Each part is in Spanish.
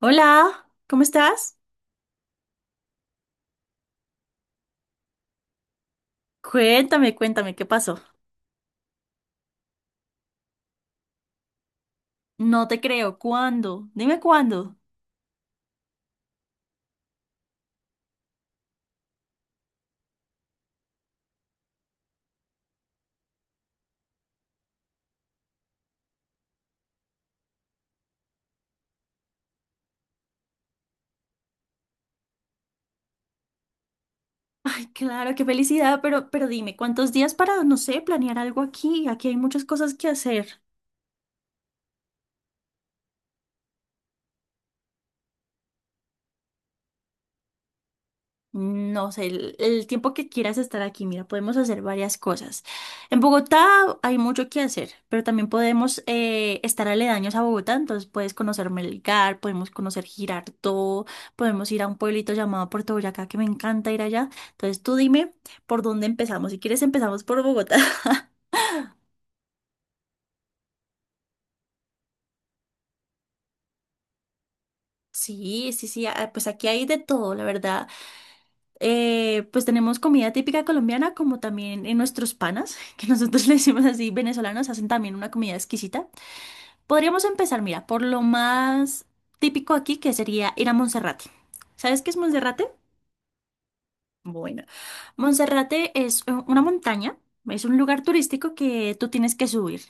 Hola, ¿cómo estás? Cuéntame, cuéntame, ¿qué pasó? No te creo, ¿cuándo? Dime cuándo. Ay, claro, qué felicidad, pero dime, ¿cuántos días para, no sé, planear algo aquí? Aquí hay muchas cosas que hacer. No sé, el tiempo que quieras estar aquí, mira, podemos hacer varias cosas. En Bogotá hay mucho que hacer, pero también podemos estar aledaños a Bogotá, entonces puedes conocer Melgar, podemos conocer Girardot, podemos ir a un pueblito llamado Puerto Boyacá, que me encanta ir allá. Entonces tú dime por dónde empezamos. Si quieres empezamos por Bogotá. Sí, sí, sí, ah, pues aquí hay de todo, la verdad. Pues tenemos comida típica colombiana, como también en nuestros panas, que nosotros le decimos así, venezolanos hacen también una comida exquisita. Podríamos empezar, mira, por lo más típico aquí, que sería ir a Monserrate. ¿Sabes qué es Monserrate? Bueno, Monserrate es una montaña, es un lugar turístico que tú tienes que subir.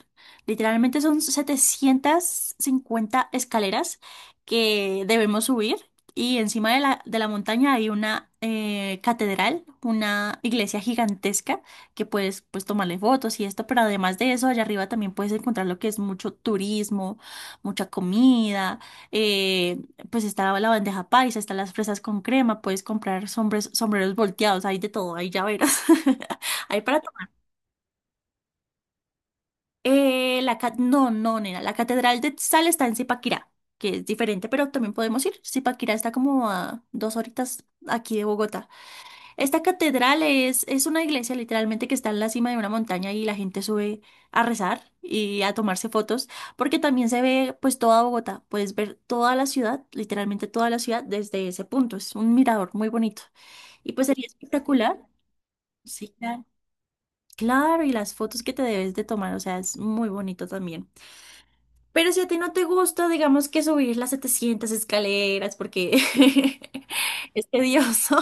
Literalmente son 750 escaleras que debemos subir y encima de la montaña hay una catedral, una iglesia gigantesca que puedes pues tomarle fotos y esto, pero además de eso, allá arriba también puedes encontrar lo que es mucho turismo, mucha comida. eh, pues está la bandeja paisa, están las fresas con crema, puedes comprar sombres, sombreros volteados, hay de todo, hay llaveros, hay para todo. No, no, nena, la Catedral de Sal está en Zipaquirá, que es diferente, pero también podemos ir. Zipaquirá está como a dos horitas aquí de Bogotá. Esta catedral es una iglesia literalmente que está en la cima de una montaña y la gente sube a rezar y a tomarse fotos, porque también se ve pues toda Bogotá, puedes ver toda la ciudad, literalmente toda la ciudad desde ese punto, es un mirador muy bonito y pues sería espectacular. Sí, claro. Claro, y las fotos que te debes de tomar, o sea, es muy bonito también. Pero si a ti no te gusta, digamos que subir las 700 escaleras porque es tedioso.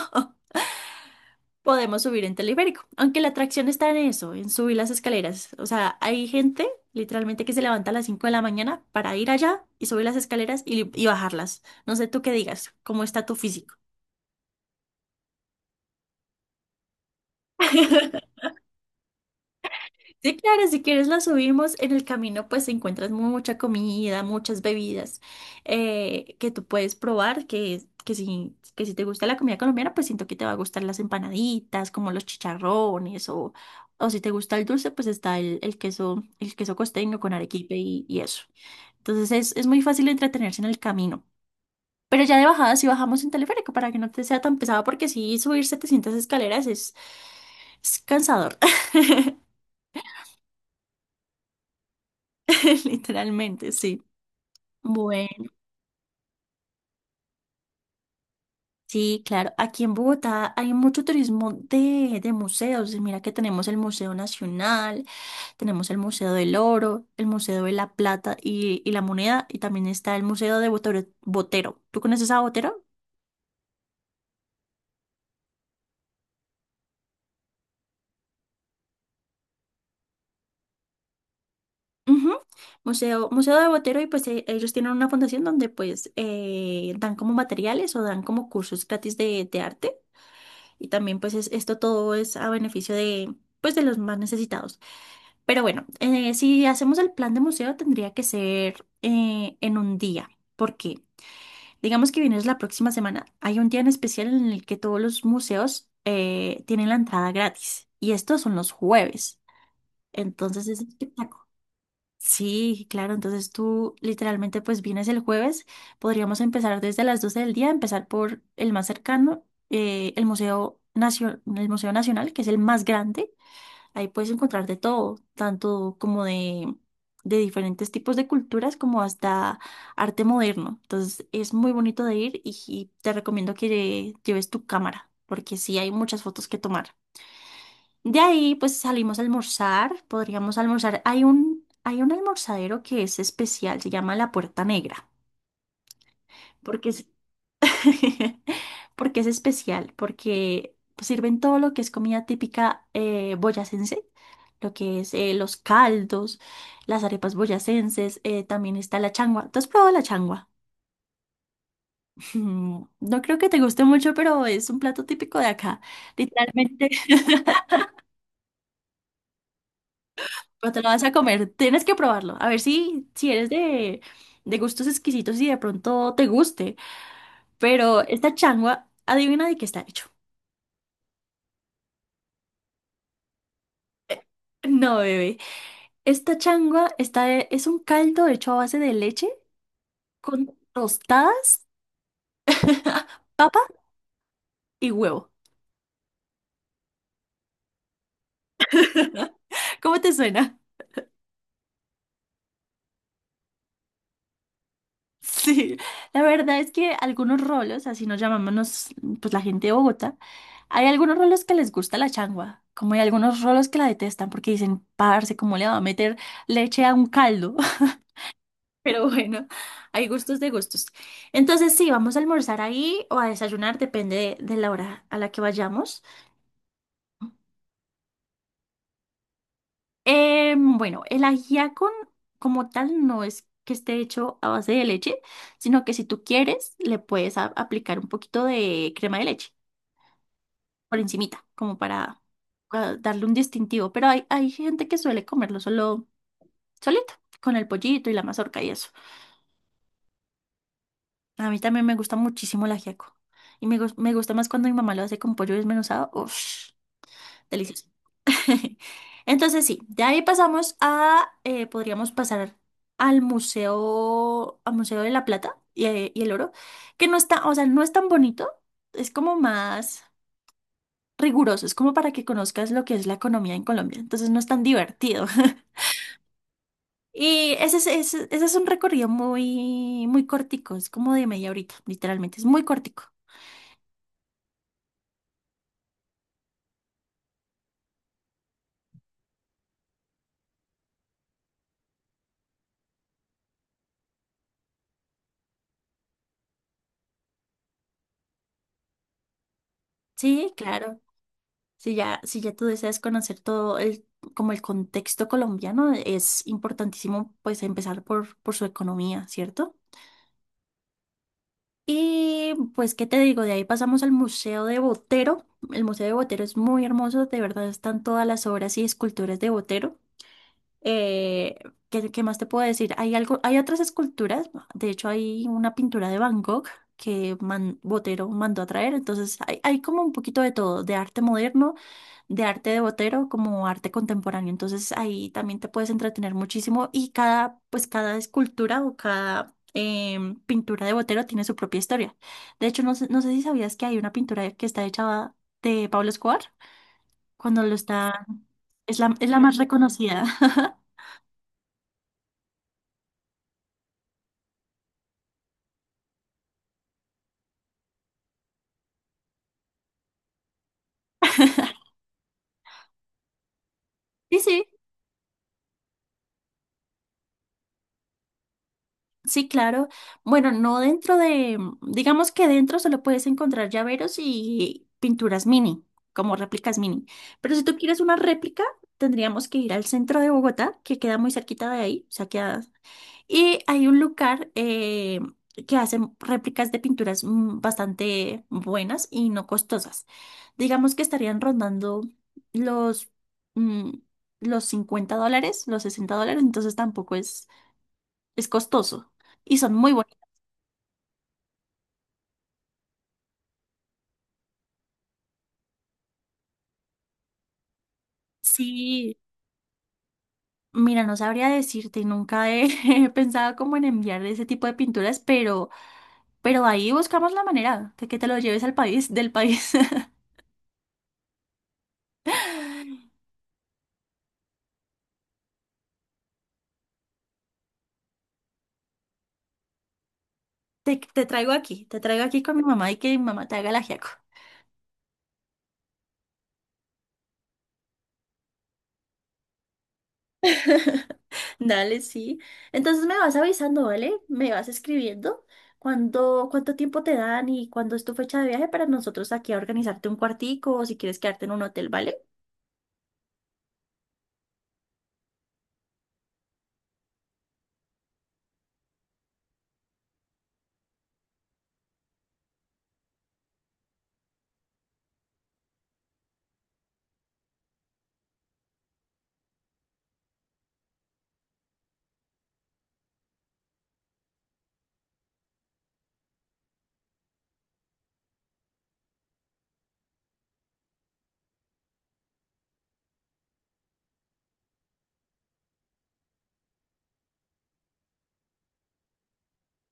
Podemos subir en teleférico. Aunque la atracción está en eso, en subir las escaleras. O sea, hay gente literalmente que se levanta a las 5 de la mañana para ir allá y subir las escaleras y bajarlas. No sé tú qué digas, cómo está tu físico. Sí, claro, si quieres la subimos. En el camino pues encuentras mucha comida, muchas bebidas que tú puedes probar, que si te gusta la comida colombiana, pues siento que te va a gustar las empanaditas, como los chicharrones, o si te gusta el dulce, pues está el queso, el queso costeño con arequipe y eso. Entonces es muy fácil entretenerse en el camino. Pero ya de bajada sí bajamos en teleférico para que no te sea tan pesado, porque si subir 700 escaleras es cansador, literalmente, sí. Bueno. Sí, claro. Aquí en Bogotá hay mucho turismo de museos. Y mira que tenemos el Museo Nacional, tenemos el Museo del Oro, el Museo de la Plata y la Moneda, y también está el Museo de Botero. Botero. ¿Tú conoces a Botero? Ujú. Museo de Botero y pues ellos tienen una fundación donde pues dan como materiales o dan como cursos gratis de arte. Y también pues esto todo es a beneficio de, pues, de los más necesitados. Pero bueno, si hacemos el plan de museo tendría que ser en un día, porque digamos que vienes la próxima semana, hay un día en especial en el que todos los museos tienen la entrada gratis y estos son los jueves. Entonces es espectacular. Sí, claro, entonces tú literalmente pues vienes el jueves, podríamos empezar desde las 12 del día, empezar por el más cercano, el Museo Nacional, que es el más grande, ahí puedes encontrar de todo, tanto como de diferentes tipos de culturas como hasta arte moderno, entonces es muy bonito de ir y te recomiendo que lleves tu cámara, porque sí hay muchas fotos que tomar. De ahí, pues salimos a almorzar, podríamos almorzar. Hay un almorzadero que es especial, se llama La Puerta Negra, porque es, porque es especial, porque sirven todo lo que es comida típica boyacense, lo que es los caldos, las arepas boyacenses, también está la changua. ¿Tú has probado la changua? No creo que te guste mucho, pero es un plato típico de acá, literalmente. Pero te lo vas a comer, tienes que probarlo. A ver si eres de, gustos exquisitos y de pronto te guste. Pero esta changua, adivina de qué está hecho. No, bebé. Esta changua es un caldo hecho a base de leche con tostadas, papa y huevo. ¿Cómo te suena? Sí, la verdad es que algunos rolos, así nos llamamos pues la gente de Bogotá, hay algunos rolos que les gusta la changua, como hay algunos rolos que la detestan porque dicen, parce, ¿cómo le va a meter leche a un caldo? Pero bueno, hay gustos de gustos. Entonces sí, vamos a almorzar ahí o a desayunar, depende de la hora a la que vayamos. Bueno, el ajiaco como tal no es que esté hecho a base de leche, sino que si tú quieres, le puedes aplicar un poquito de crema de leche. Por encimita, como para darle un distintivo. Pero hay gente que suele comerlo solo, solito, con el pollito y la mazorca y eso. A mí también me gusta muchísimo el ajiaco. Y me gusta más cuando mi mamá lo hace con pollo desmenuzado. Uff, delicioso. Entonces sí, de ahí pasamos podríamos pasar al Museo de la Plata y el Oro, que no está, o sea, no es tan bonito, es como más... rigurosos, como para que conozcas lo que es la economía en Colombia. Entonces no es tan divertido. Y ese es un recorrido muy, muy cortico, es como de media horita, literalmente, es muy cortico. Sí, claro. Si ya, si ya tú deseas conocer todo el, como el contexto colombiano, es importantísimo pues empezar por su economía, ¿cierto? Y pues, ¿qué te digo? De ahí pasamos al Museo de Botero. El Museo de Botero es muy hermoso, de verdad están todas las obras y esculturas de Botero. Eh, ¿qué más te puedo decir? Hay algo, hay otras esculturas, de hecho hay una pintura de Van Gogh que Botero mandó a traer, entonces hay como un poquito de todo, de arte moderno, de arte de Botero, como arte contemporáneo, entonces ahí también te puedes entretener muchísimo y cada, pues cada escultura o cada pintura de Botero tiene su propia historia. De hecho, no sé si sabías que hay una pintura que está hecha de Pablo Escobar, cuando lo está, es la más reconocida. Sí, sí, sí, claro. Bueno, no dentro de, digamos que dentro solo puedes encontrar llaveros y pinturas mini, como réplicas mini. Pero si tú quieres una réplica, tendríamos que ir al centro de Bogotá, que queda muy cerquita de ahí, o sea, queda... Y hay un lugar que hacen réplicas de pinturas bastante buenas y no costosas. Digamos que estarían rondando los... mm, los $50, los $60, entonces tampoco es costoso y son muy bonitos. Sí, mira, no sabría decirte, nunca he pensado como en enviar ese tipo de pinturas, pero ahí buscamos la manera de que te lo lleves al país, del país. Te traigo aquí, te traigo aquí con mi mamá y que mi mamá te haga el ajiaco. Dale, sí. Entonces me vas avisando, ¿vale? Me vas escribiendo cuándo, cuánto tiempo te dan y cuándo es tu fecha de viaje para nosotros aquí a organizarte un cuartico o si quieres quedarte en un hotel, ¿vale?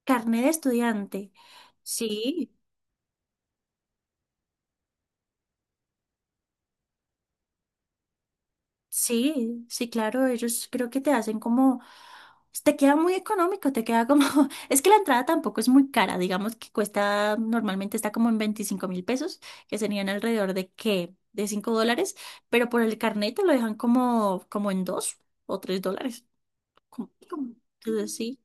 Carnet de estudiante. Sí, sí, sí, claro, ellos creo que te hacen como, te queda muy económico, te queda como, es que la entrada tampoco es muy cara, digamos que cuesta, normalmente está como en 25.000 pesos, que serían alrededor de qué, de $5, pero por el carnet te lo dejan como, como en 2 o 3 dólares. como- como- Entonces sí,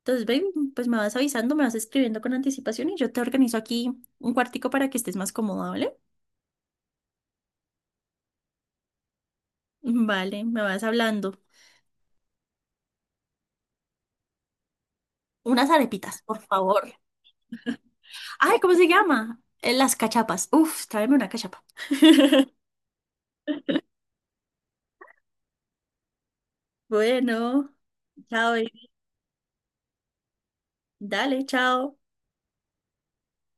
entonces baby, pues me vas avisando, me vas escribiendo con anticipación y yo te organizo aquí un cuartico para que estés más cómoda, ¿vale? Vale, me vas hablando. Unas arepitas, por favor. Ay, ¿cómo se llama? Las cachapas. Uf, tráeme una cachapa. Bueno, chao, baby. Dale, chao.